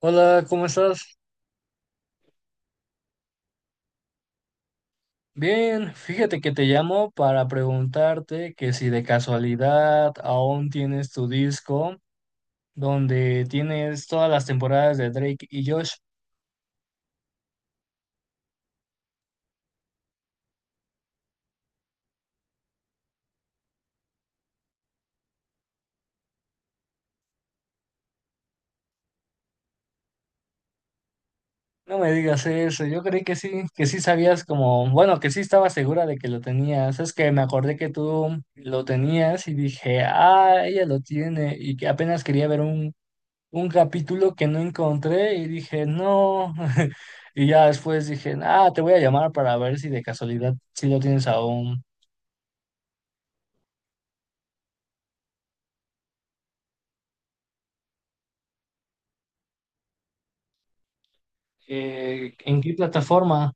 Hola, ¿cómo estás? Bien, fíjate que te llamo para preguntarte que si de casualidad aún tienes tu disco donde tienes todas las temporadas de Drake y Josh. No me digas eso, yo creí que sí sabías como, bueno, que sí estaba segura de que lo tenías. Es que me acordé que tú lo tenías y dije, ah, ella lo tiene y que apenas quería ver un capítulo que no encontré y dije, no. Y ya después dije, ah, te voy a llamar para ver si de casualidad si lo tienes aún. ¿En qué plataforma?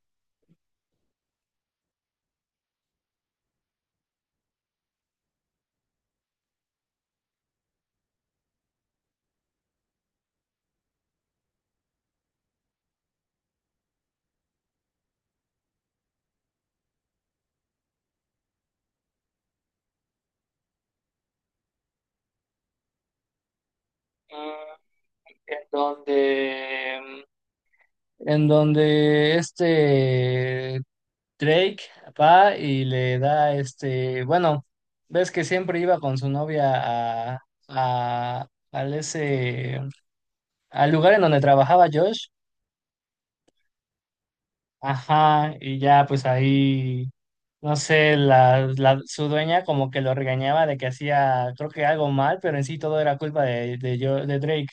Mm, En donde, en donde Drake va y le da este, bueno, ves que siempre iba con su novia a, a- al ese, al lugar en donde trabajaba Josh. Ajá, y ya pues ahí, no sé, la, su dueña como que lo regañaba de que hacía, creo que algo mal, pero en sí todo era culpa de, yo, de Drake.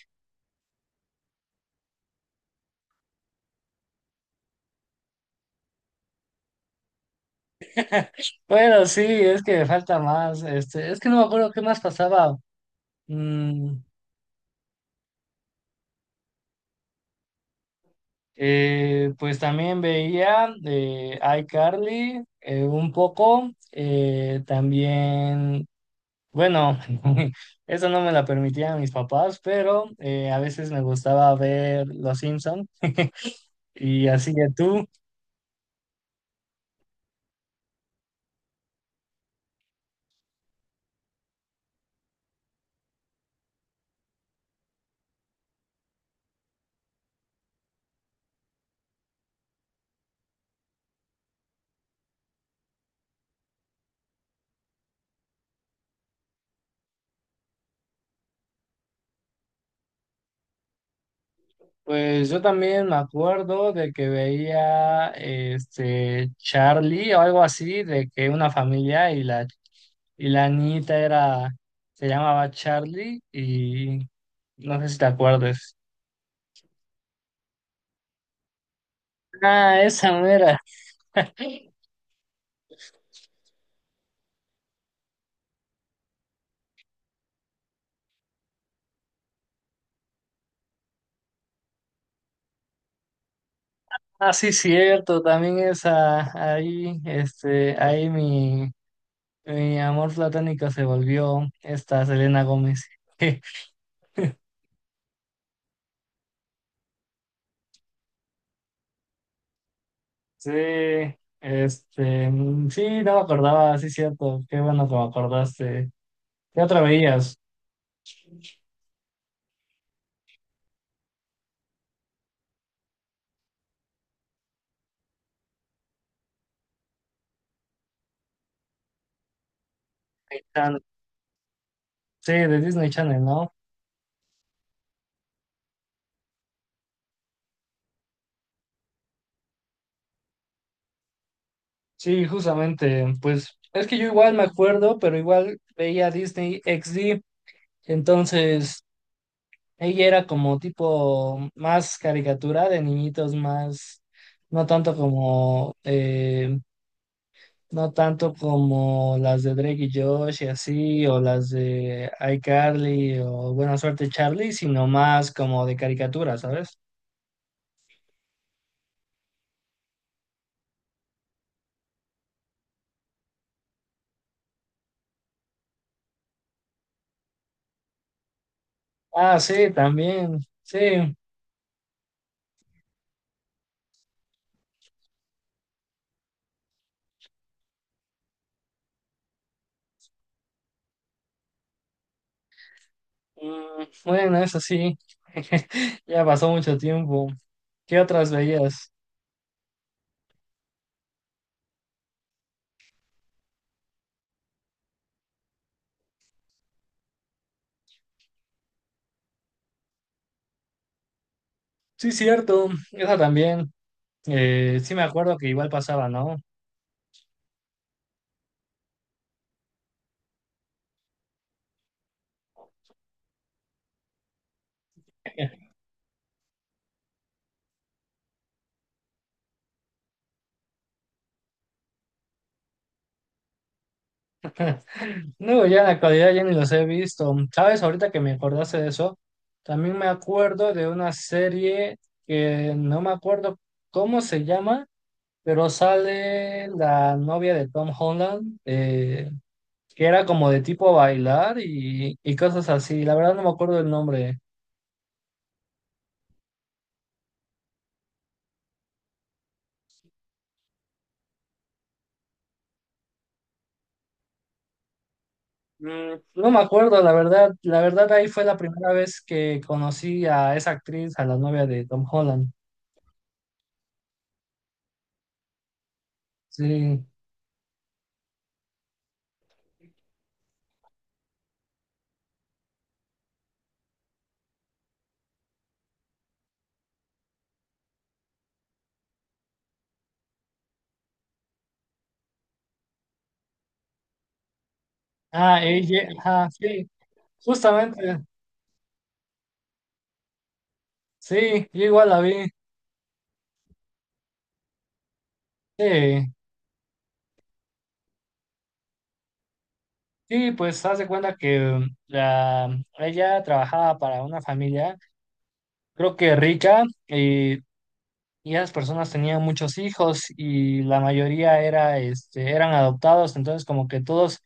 Bueno, sí, es que falta más, este, es que no me acuerdo qué más pasaba. Mm, pues también veía, iCarly, un poco, también, bueno, eso no me la permitían mis papás, pero a veces me gustaba ver Los Simpsons. Y así que tú, pues yo también me acuerdo de que veía este Charlie o algo así, de que una familia y la niñita era, se llamaba Charlie y no sé si te acuerdas. Ah, esa mera. Ah, sí, cierto, también esa, ahí, este, ahí mi, mi amor platónico se volvió esta Selena Gómez. Sí, este, sí, no me acordaba, sí, cierto, qué bueno que me acordaste. ¿Qué otra veías? Disney Channel. Sí, de Disney Channel, ¿no? Sí, justamente, pues es que yo igual me acuerdo, pero igual veía Disney XD, entonces ella era como tipo más caricatura de niñitos, más, no tanto como, no tanto como las de Drake y Josh y así, o las de iCarly o Buena Suerte Charlie, sino más como de caricatura, ¿sabes? Ah, sí, también, sí. Mm, bueno, eso sí, ya pasó mucho tiempo. ¿Qué otras veías? Sí, cierto, esa también. Sí me acuerdo que igual pasaba, ¿no? Digo, ya en la actualidad ya ni los he visto. ¿Sabes? Ahorita que me acordaste de eso, también me acuerdo de una serie que no me acuerdo cómo se llama, pero sale la novia de Tom Holland, que era como de tipo bailar y cosas así. La verdad no me acuerdo el nombre. No me acuerdo, la verdad. La verdad ahí fue la primera vez que conocí a esa actriz, a la novia de Tom Holland. Sí. Ah, ella, ajá, sí. Justamente, sí, yo igual la vi. Sí, sí, pues haz de cuenta que la, ella trabajaba para una familia, creo que rica, y esas personas tenían muchos hijos y la mayoría era, este, eran adoptados, entonces como que todos,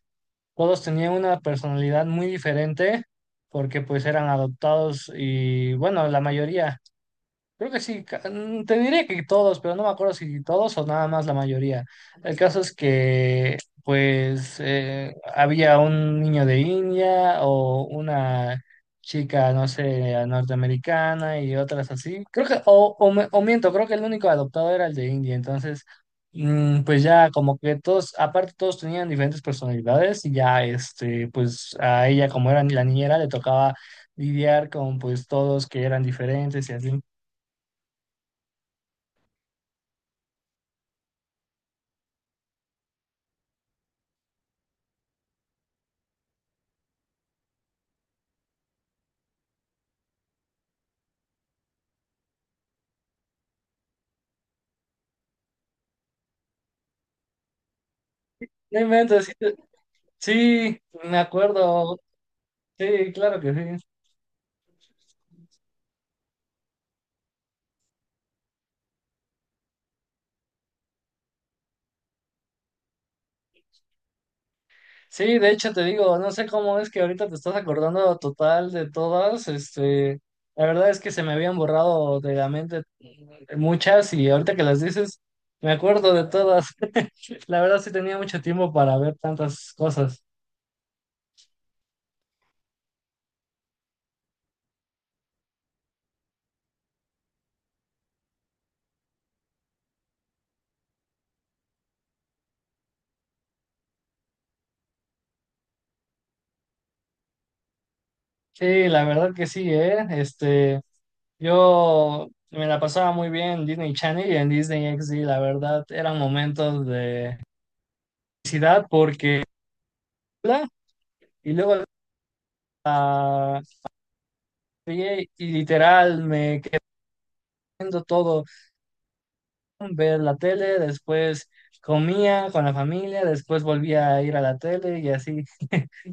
todos tenían una personalidad muy diferente porque pues eran adoptados y bueno, la mayoría. Creo que sí, te diré que todos, pero no me acuerdo si todos o nada más la mayoría. El caso es que, pues, había un niño de India o una chica, no sé, norteamericana y otras así. Creo que, o, o miento, creo que el único adoptado era el de India. Entonces, pues ya como que todos, aparte todos tenían diferentes personalidades y ya, este, pues a ella como era la niñera le tocaba lidiar con pues todos que eran diferentes y así. No inventes, sí, sí, me acuerdo. Sí, claro que sí. Sí, de hecho te digo, no sé cómo es que ahorita te estás acordando total de todas, este, la verdad es que se me habían borrado de la mente muchas y ahorita que las dices, me acuerdo de todas. La verdad sí tenía mucho tiempo para ver tantas cosas. Sí, la verdad que sí, ¿eh? Este, yo me la pasaba muy bien en Disney Channel y en Disney XD, la verdad, eran momentos felicidad porque y luego la vi y literal me quedé viendo todo, ver la tele, después comía con la familia, después volvía a ir a la tele y así.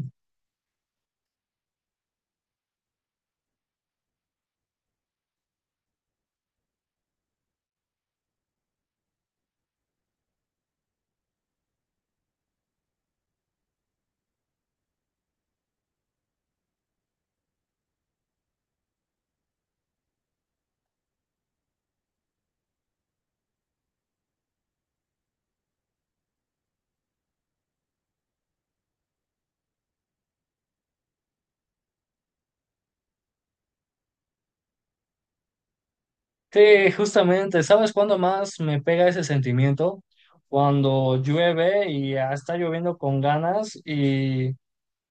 Sí, justamente, ¿sabes cuándo más me pega ese sentimiento? Cuando llueve y ya está lloviendo con ganas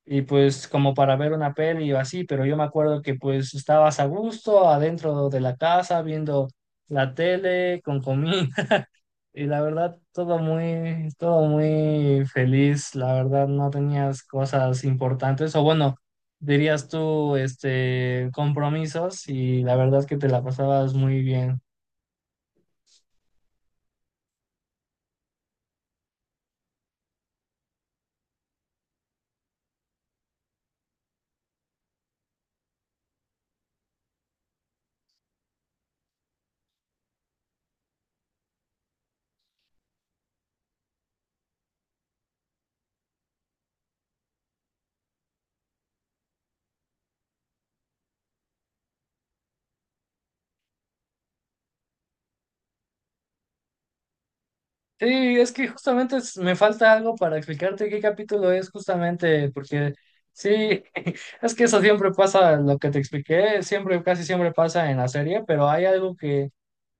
y pues como para ver una peli o así, pero yo me acuerdo que pues estabas a gusto adentro de la casa viendo la tele con comida. Y la verdad, todo muy feliz. La verdad, no tenías cosas importantes. O bueno, dirías tú, este, compromisos. Y la verdad que te la pasabas muy bien. Sí, es que justamente me falta algo para explicarte qué capítulo es justamente, porque sí, es que eso siempre pasa, lo que te expliqué, siempre, casi siempre pasa en la serie, pero hay algo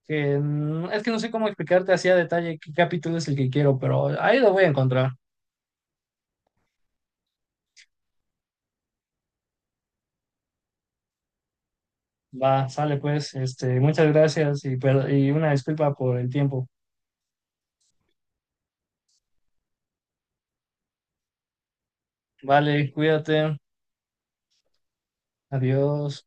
que es que no sé cómo explicarte así a detalle qué capítulo es el que quiero, pero ahí lo voy a encontrar. Va, sale pues, este, muchas gracias y, y una disculpa por el tiempo. Vale, cuídate, adiós.